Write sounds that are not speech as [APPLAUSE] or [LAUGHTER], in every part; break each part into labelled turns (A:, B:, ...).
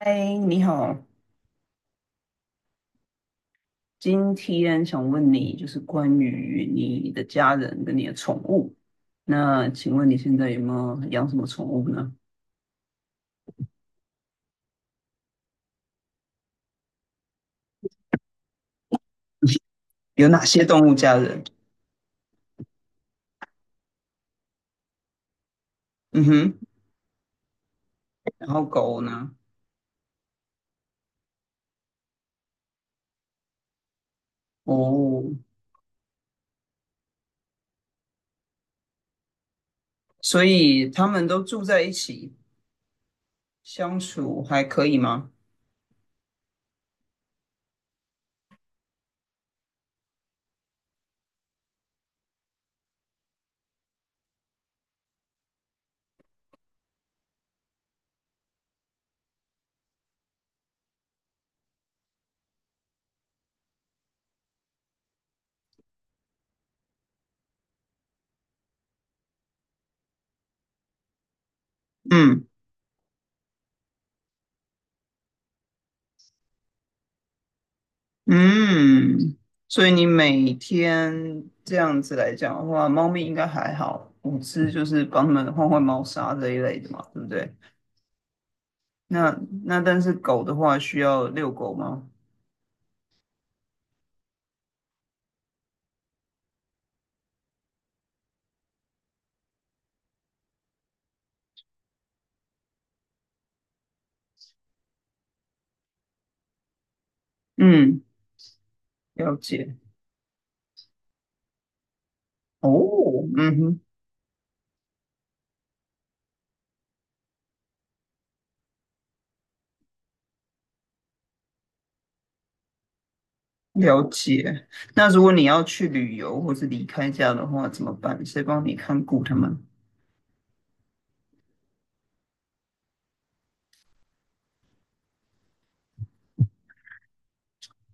A: 嗨，你好，今天想问你，就是关于你的家人跟你的宠物。那请问你现在有没有养什么宠物呢？有哪些动物家人？嗯哼，然后狗呢？哦，所以他们都住在一起，相处还可以吗？嗯嗯，所以你每天这样子来讲的话，猫咪应该还好，五只就是帮它们换换猫砂这一类的嘛，对不对？那那但是狗的话需要遛狗吗？嗯，了解。哦，嗯哼，了解。那如果你要去旅游或是离开家的话，怎么办？谁帮你看顾他们？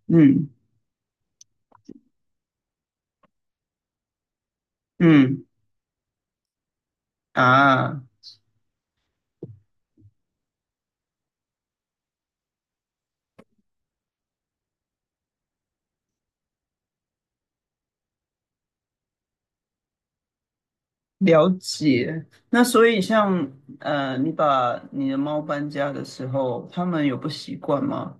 A: 嗯，嗯啊，了解。那所以像你把你的猫搬家的时候，他们有不习惯吗？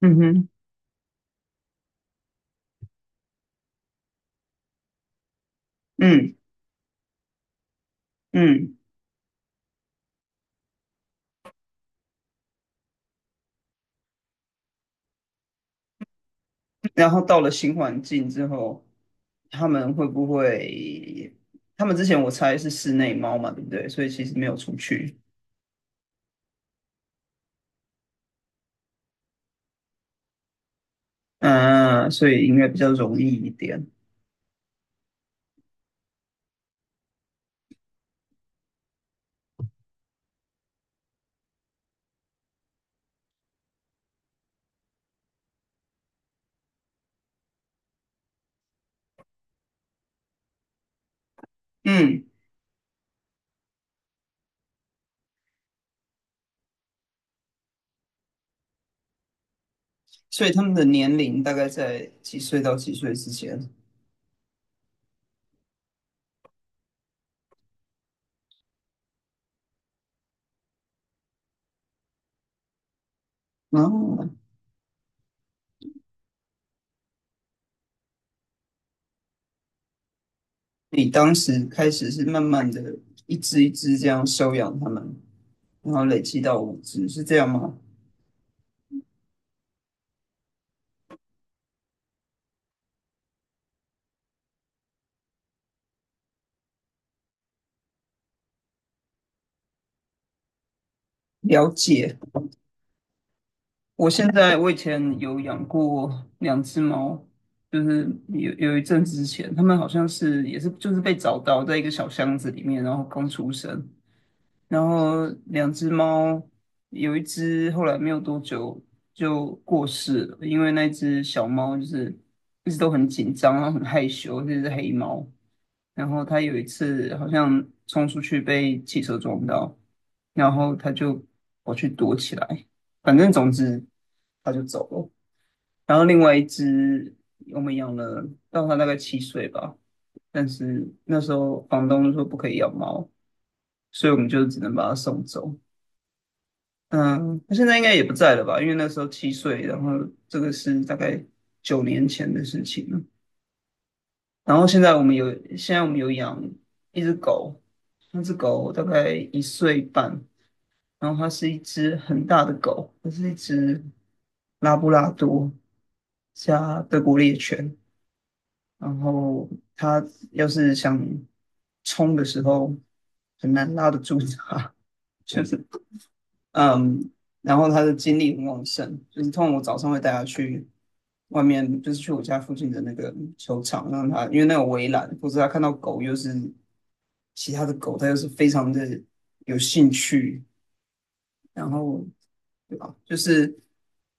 A: 嗯哼，嗯嗯。然后到了新环境之后，他们会不会？他们之前我猜是室内猫嘛，对不对？所以其实没有出去，嗯、所以应该比较容易一点。嗯，所以他们的年龄大概在几岁到几岁之间？然后你当时开始是慢慢的一只一只这样收养他们，然后累积到五只，是这样吗？了解。我现在我以前有养过两只猫，就是有一阵子之前，它们好像是也是就是被找到在一个小箱子里面，然后刚出生，然后两只猫，有一只后来没有多久就过世了，因为那只小猫就是一直都很紧张，然后很害羞，这只黑猫。然后它有一次好像冲出去被汽车撞到，然后它就跑去躲起来，反正总之它就走了。然后另外一只我们养了到它大概七岁吧，但是那时候房东就说不可以养猫，所以我们就只能把它送走。嗯，他现在应该也不在了吧？因为那时候七岁，然后这个是大概9年前的事情了。然后现在我们有，现在我们有养一只狗，那只狗大概1岁半，然后它是一只很大的狗，它是一只拉布拉多加德国猎犬。然后它要是想冲的时候，很难拉得住它，[LAUGHS] 就是嗯，然后他的精力很旺盛，就是通常我早上会带他去外面，就是去我家附近的那个球场，让他因为那有围栏，否则他看到狗又是其他的狗，他又是非常的有兴趣，然后对吧？就是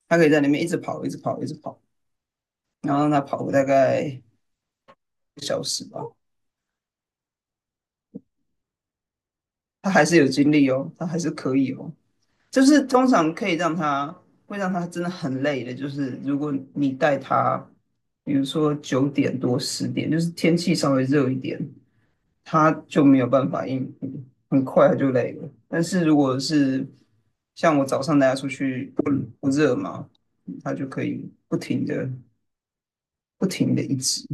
A: 他可以在里面一直跑，一直跑，一直跑，然后让他跑个大概一个小时吧，他还是有精力哦，他还是可以哦。就是通常可以让他会让他真的很累的，就是如果你带他，比如说9点多10点，就是天气稍微热一点，他就没有办法应付，很快他就累了。但是如果是像我早上带他出去不热嘛，他就可以不停的不停的一直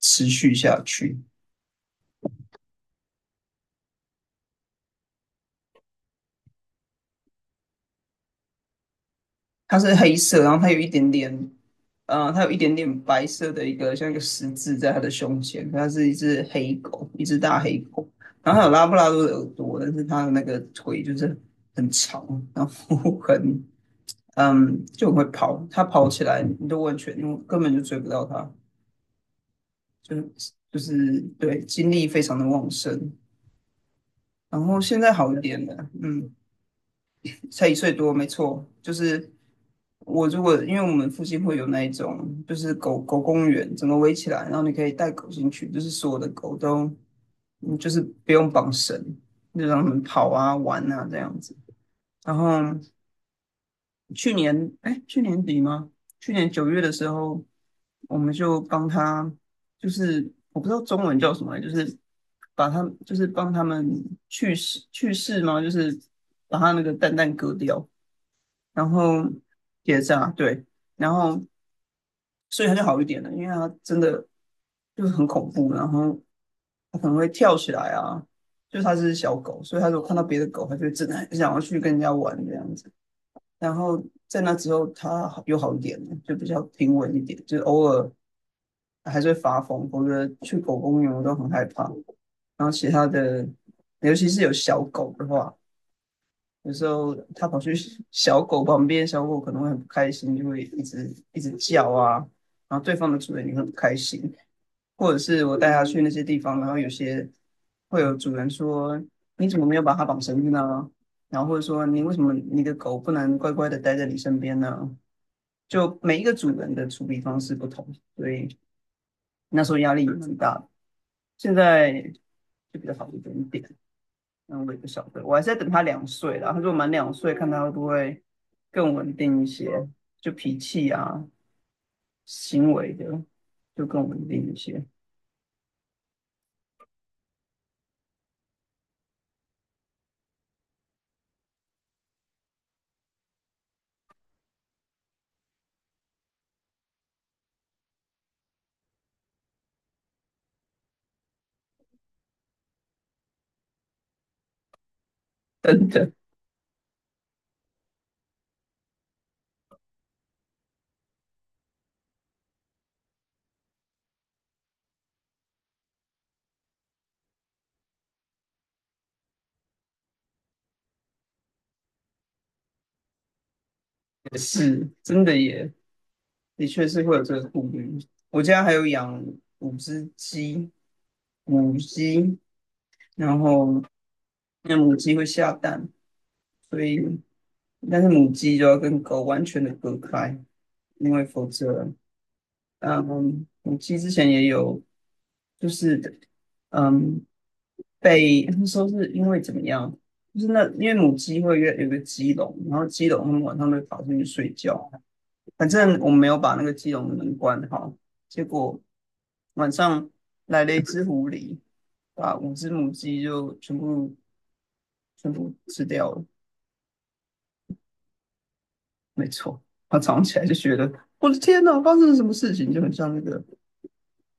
A: 持续下去。它是黑色，然后它有一点点它有一点点白色的一个像一个十字在它的胸前，它是一只黑狗，一只大黑狗。然后它有拉布拉多的耳朵，但是它的那个腿就是很长，然后很就很会跑。它跑起来，你都完全你根本就追不到它，就是就是对精力非常的旺盛。然后现在好一点了，嗯，才1岁多，没错，就是我如果因为我们附近会有那一种，就是狗狗公园，整个围起来，然后你可以带狗进去，就是所有的狗都，就是不用绑绳，就让它们跑啊、玩啊这样子。然后去年，哎，去年底吗？去年9月的时候，我们就帮他，就是我不知道中文叫什么，就是把它，就是帮他们去世去世吗？就是把它那个蛋蛋割掉。然后结扎，对，然后所以他就好一点了，因为他真的就是很恐怖，然后他可能会跳起来啊，就它是小狗，所以它如果看到别的狗，它就会真的很想要去跟人家玩这样子。然后在那之后，它好又好一点了，就比较平稳一点，就是偶尔还是会发疯，否则去狗公园我都很害怕。然后其他的，尤其是有小狗的话，有时候它跑去小狗旁边，小狗可能会很不开心，就会一直一直叫啊，然后对方的主人也会不开心，或者是我带它去那些地方，然后有些会有主人说你怎么没有把它绑绳子呢？然后或者说你为什么你的狗不能乖乖的待在你身边呢？就每一个主人的处理方式不同，所以那时候压力也蛮大的，现在就比较好一点点。那我也不晓得，我还是在等他两岁啦。他说果满两岁，看他会不会更稳定一些，就脾气啊、行为的就更稳定一些。真的也是，真的也的确是会有这个顾虑。我家还有养5只鸡，母鸡，然后那母鸡会下蛋，所以但是母鸡就要跟狗完全的隔开，因为否则嗯，母鸡之前也有，就是嗯，被他们说是因为怎么样，就是那因为母鸡会约有个鸡笼，然后鸡笼他们晚上会跑进去睡觉，反正我们没有把那个鸡笼的门关好，结果晚上来了一只狐狸，把5只母鸡就全部全部吃掉了，没错，他早上起来就觉得我的天哪，发生了什么事情，就很像那个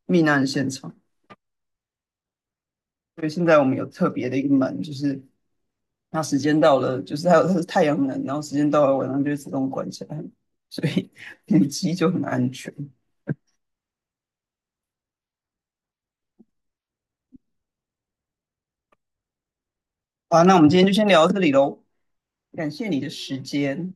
A: 命案现场。所以现在我们有特别的一个门，就是它时间到了，就是还有它是太阳能，然后时间到了晚上就会自动关起来，所以 [LAUGHS] 母鸡就很安全。好，那我们今天就先聊到这里喽，感谢你的时间。